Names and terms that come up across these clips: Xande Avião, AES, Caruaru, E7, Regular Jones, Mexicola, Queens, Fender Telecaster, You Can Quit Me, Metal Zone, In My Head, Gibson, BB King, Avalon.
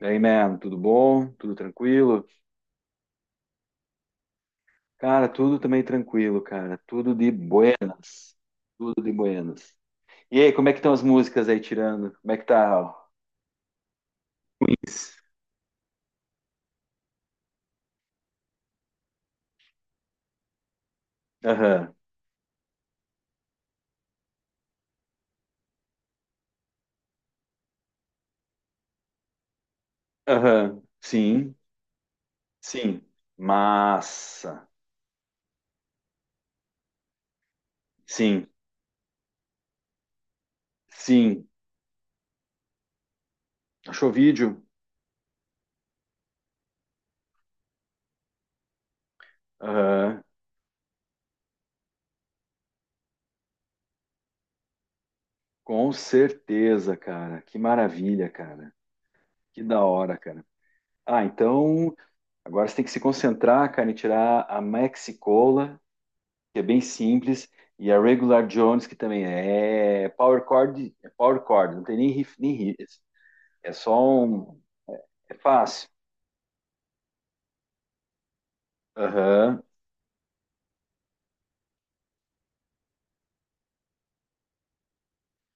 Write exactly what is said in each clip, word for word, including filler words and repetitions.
E aí man, tudo bom? Tudo tranquilo? Cara, tudo também tranquilo, cara. Tudo de buenas. Tudo de buenas. E aí, como é que estão as músicas aí tirando? Como é que tá? Ó? Queens. Aham, aham. Sim, sim. Massa. Sim, sim. Achou o vídeo? Aham. Com certeza, cara. Que maravilha, cara. Que da hora, cara. Ah, então agora você tem que se concentrar, cara, em tirar a Mexicola que é bem simples, e a Regular Jones, que também é é power chord, é power chord, não tem nem riff, nem riff. É só um. É fácil. Aham.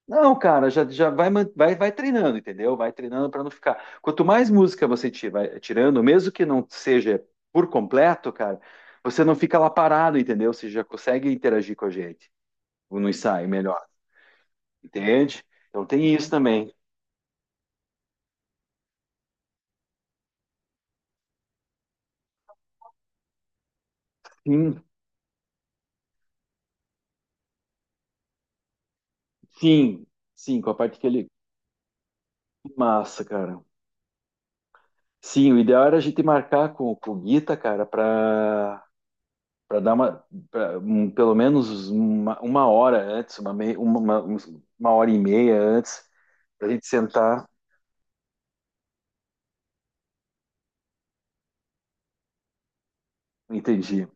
Não, cara, já, já vai, man- vai, vai treinando, entendeu? Vai treinando para não ficar. Quanto mais música você ti- vai tirando, mesmo que não seja por completo, cara, você não fica lá parado, entendeu? Você já consegue interagir com a gente no ensaio melhor, entende? Então tem isso também. Sim, sim, sim, com a parte que ele. Que massa, cara. Sim, o ideal era a gente marcar com, com o Guita, cara, para para dar uma, pra, um, pelo menos uma, uma hora antes, uma, mei- uma, uma, uns- uma hora e meia antes, para a gente sentar. Entendi.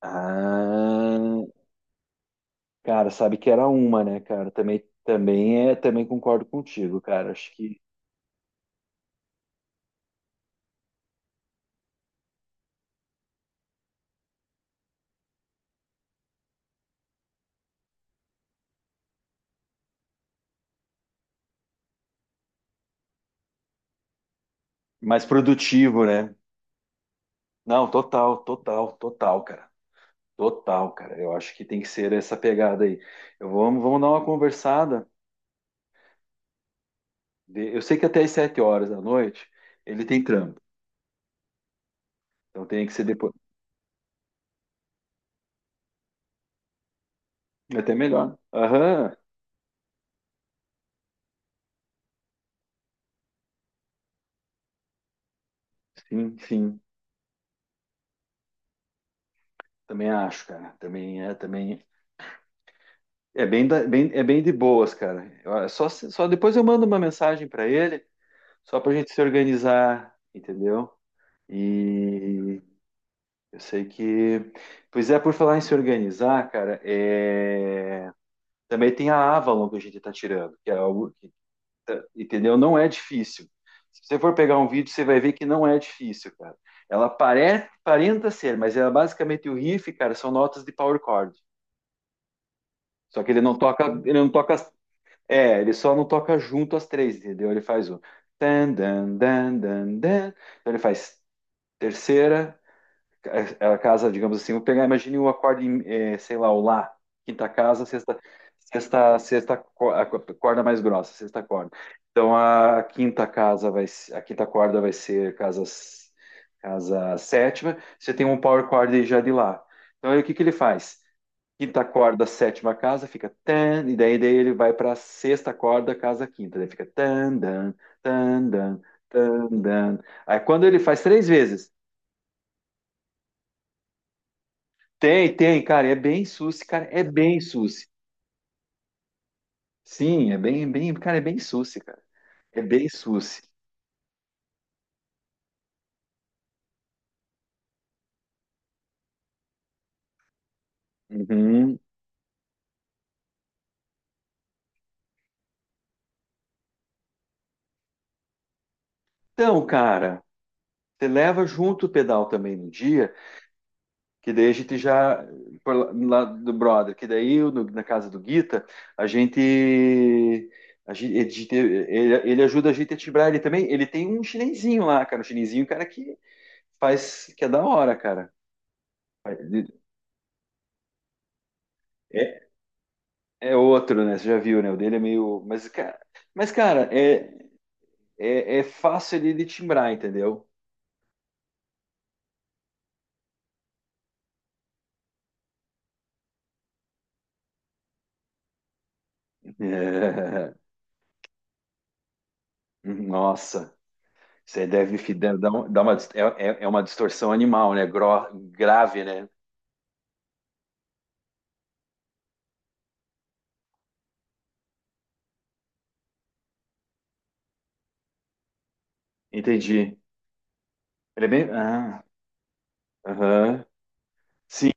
Ah, cara, sabe que era uma, né, cara? Também, também é, também concordo contigo, cara. Acho que mais produtivo, né? Não, total, total, total, cara. Total, cara. Eu acho que tem que ser essa pegada aí. Eu vou, vamos dar uma conversada. De- Eu sei que até as sete horas da noite ele tem trampo. Então tem que ser depois. É até melhor. Aham. Sim, sim. Também acho, cara. Também é, também. É bem, da- bem- é bem de boas, cara. Eu- é só, se- só depois eu mando uma mensagem para ele, só pra gente se organizar, entendeu? E eu sei que. Pois é, por falar em se organizar, cara, é... também tem a Avalon que a gente tá tirando, que é algo. Entendeu? Não é difícil. Se você for pegar um vídeo, você vai ver que não é difícil, cara. Ela parece, parenta ser, mas ela basicamente o riff, cara, são notas de power chord. Só que ele não toca, ele não toca, é, ele só não toca junto as três, entendeu? Ele faz o dan dan dan dan dan. Então ele faz terceira, a a casa, digamos assim, vou pegar, imagine o acorde, em, eh, sei lá, o lá, quinta casa, sexta, sexta, sexta co- a co- corda mais grossa, sexta corda. Então a quinta casa vai, se- a quinta corda vai ser casa, s- casa sétima. Você tem um power chord já de lá. Então aí o que que ele faz? Quinta corda, sétima casa, fica tan, e daí, daí ele vai para sexta corda, casa quinta, daí fica tan, dan, tan, dan, tan, dan. Aí quando ele faz três vezes. Tem, tem, cara, é bem suci, cara, é bem suci. Sim, é bem, bem, cara, é bem suci, cara. É bem suci. Uhum. Então, cara, você leva junto o pedal também no dia, que daí a gente já, por lá lá do brother, que daí eu, no- na casa do Guita, a gente, a gente, a gente- ele, ele ajuda a gente a tibrar ele também, ele tem um chinesinho lá, cara, um chinesinho, cara, que faz, que é da hora, cara. É outro, né? Você já viu, né? O dele é meio. Mas, cara, mas, cara é, é, é fácil ele de timbrar, entendeu? É. Nossa, você deve fi- deve dar um- dar uma, dis- é, é- é uma distorção animal, né? Gro, grave, né? Entendi. Ele é bem. Ah, aham. Sim,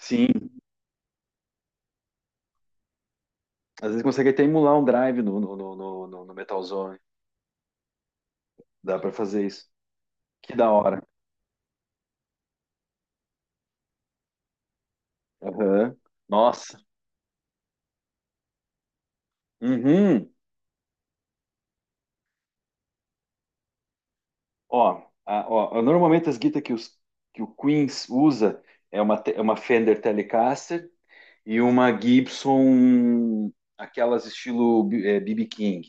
sim. Às vezes consegue até emular um drive no, no, no, no, no- no Metal Zone. Dá pra fazer isso. Que da hora. Aham. Nossa. Uhum. Ó, a- ó, normalmente as guitas que, os, que o Queens usa é uma, te- é uma Fender Telecaster e uma Gibson, aquelas estilo B- eh, B B King,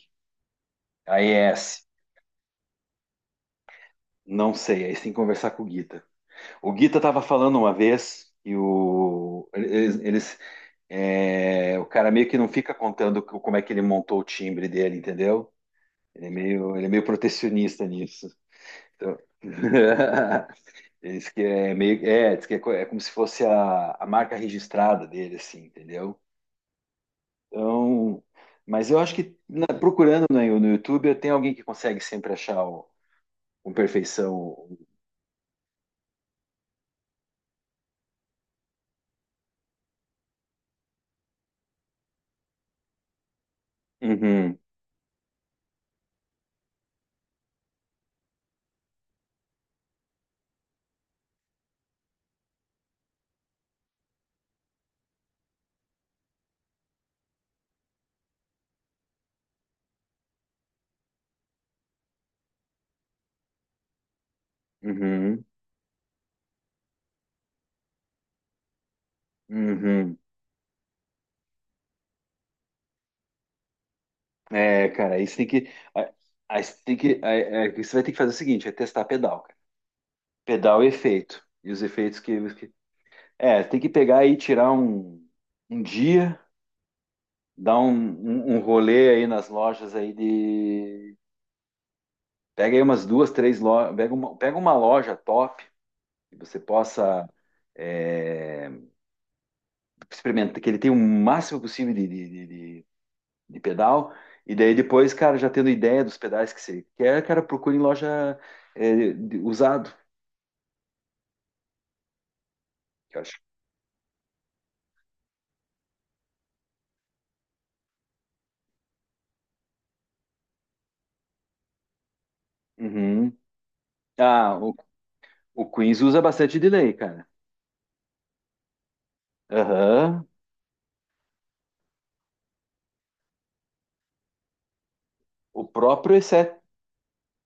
A E S. Não sei, aí você tem que conversar com o Guita. O Guita estava falando uma vez e o, eles, eles, eh, o cara meio que não fica contando co- como é que ele montou o timbre dele, entendeu? Ele é meio, ele é meio protecionista nisso. Então... Diz que é meio, é, diz que é, co- é como se fosse a, a marca registrada dele, assim, entendeu? Então, mas eu acho que na- procurando no, no YouTube tem alguém que consegue sempre achar o- com perfeição. O- Uhum, uhum, uhum. É, cara, aí você tem que, a- aí você tem que, aí- é que você vai ter que fazer o seguinte, é testar pedal, cara. Pedal e efeito e os efeitos que, que- é, tem que pegar e tirar um, um dia, dar um, um, um rolê aí nas lojas aí de. Pega aí umas duas, três lojas, pega uma, pega uma loja top que você possa é, experimentar, que ele tenha o máximo possível de, de, de- de- de pedal, e daí depois, cara, já tendo ideia dos pedais que você quer, cara, procure em loja é, de- usado, que eu acho. Uhum. Ah, o, o Queens usa bastante delay, cara. Aham. O próprio E sete,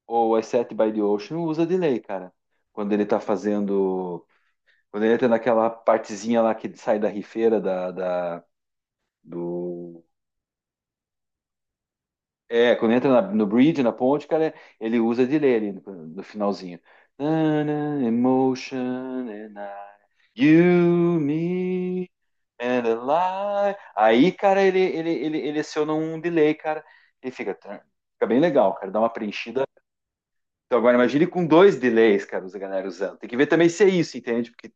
ou E sete by the Ocean usa delay, cara. Quando ele tá fazendo. Quando ele entra naquela partezinha lá que sai da rifeira da, da- do. É, quando entra na- no bridge, na ponte, cara, ele usa de ler ali no, no finalzinho. Na-na, emotion and I, you, me and a lie. Aí, cara, ele, ele, ele, ele aciona um delay, cara. Ele fica, fica bem legal, cara. Dá uma preenchida. Então agora imagine com dois delays, cara, os galera usando. Tem que ver também se é isso, entende? Porque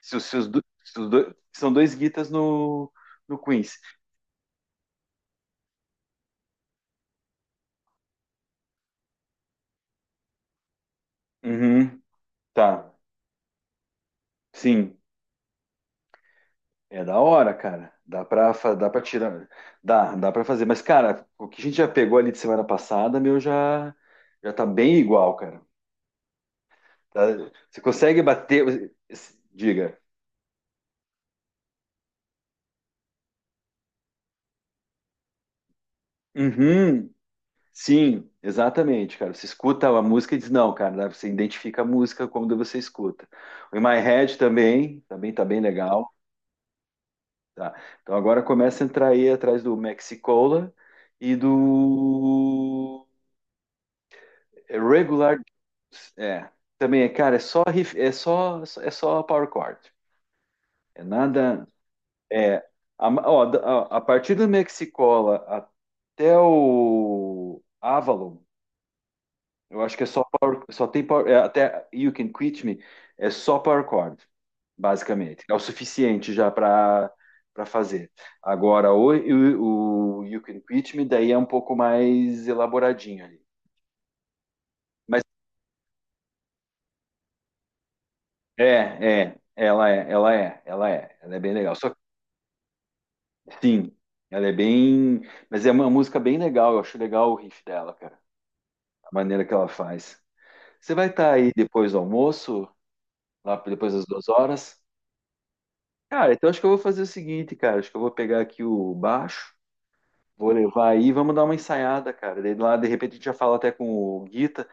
se os, se os do- se os do- são dois guitas no, no Queens. Uhum, tá. Sim, é da hora, cara. Dá pra, fa- dá pra tirar. Dá, dá pra fazer. Mas, cara, o que a gente já pegou ali de semana passada, meu, já, já tá bem igual, cara. Tá- Você consegue bater. Diga. Uhum, sim, exatamente, cara. Você escuta a música e diz, não, cara, você identifica a música quando você escuta. O In My Head também, também tá bem legal. Tá. Então agora começa a entrar aí atrás do Mexicola e do Regular. É, também é, cara, é só riff- é só é só power chord. É nada é a, ó, da- a, a partir do Mexicola até o Avalon eu acho que é só power, só tem power, é, até You Can Quit Me é só power chord, basicamente. É o suficiente já para para fazer. Agora o, o, o You Can Quit Me daí é um pouco mais elaboradinho ali. Mas é, é, ela é, ela é, ela é, ela é bem legal. Só que, sim, ela é bem, mas é uma música bem legal, eu acho legal o riff dela, cara, a maneira que ela faz. Você vai estar aí depois do almoço, lá depois das duas horas? Cara, então acho que eu vou fazer o seguinte, cara. Acho que eu vou pegar aqui o baixo, vou levar aí, vamos dar uma ensaiada, cara. Daí lá, de repente, a gente já fala até com o Guita.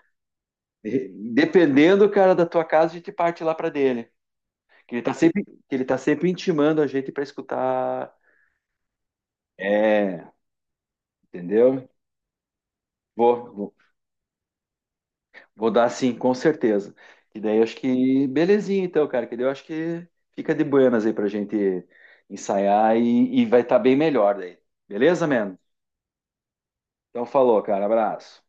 De- Dependendo, cara, da tua casa, a gente parte lá pra dele. Que ele tá sempre, que ele tá sempre intimando a gente pra escutar. É, entendeu? Vou, vou, vou dar sim, com certeza. E daí acho que belezinha, então, cara. Que daí eu acho que fica de buenas aí pra gente ensaiar e, e vai estar bem melhor daí. Beleza, mano? Então falou, cara. Abraço.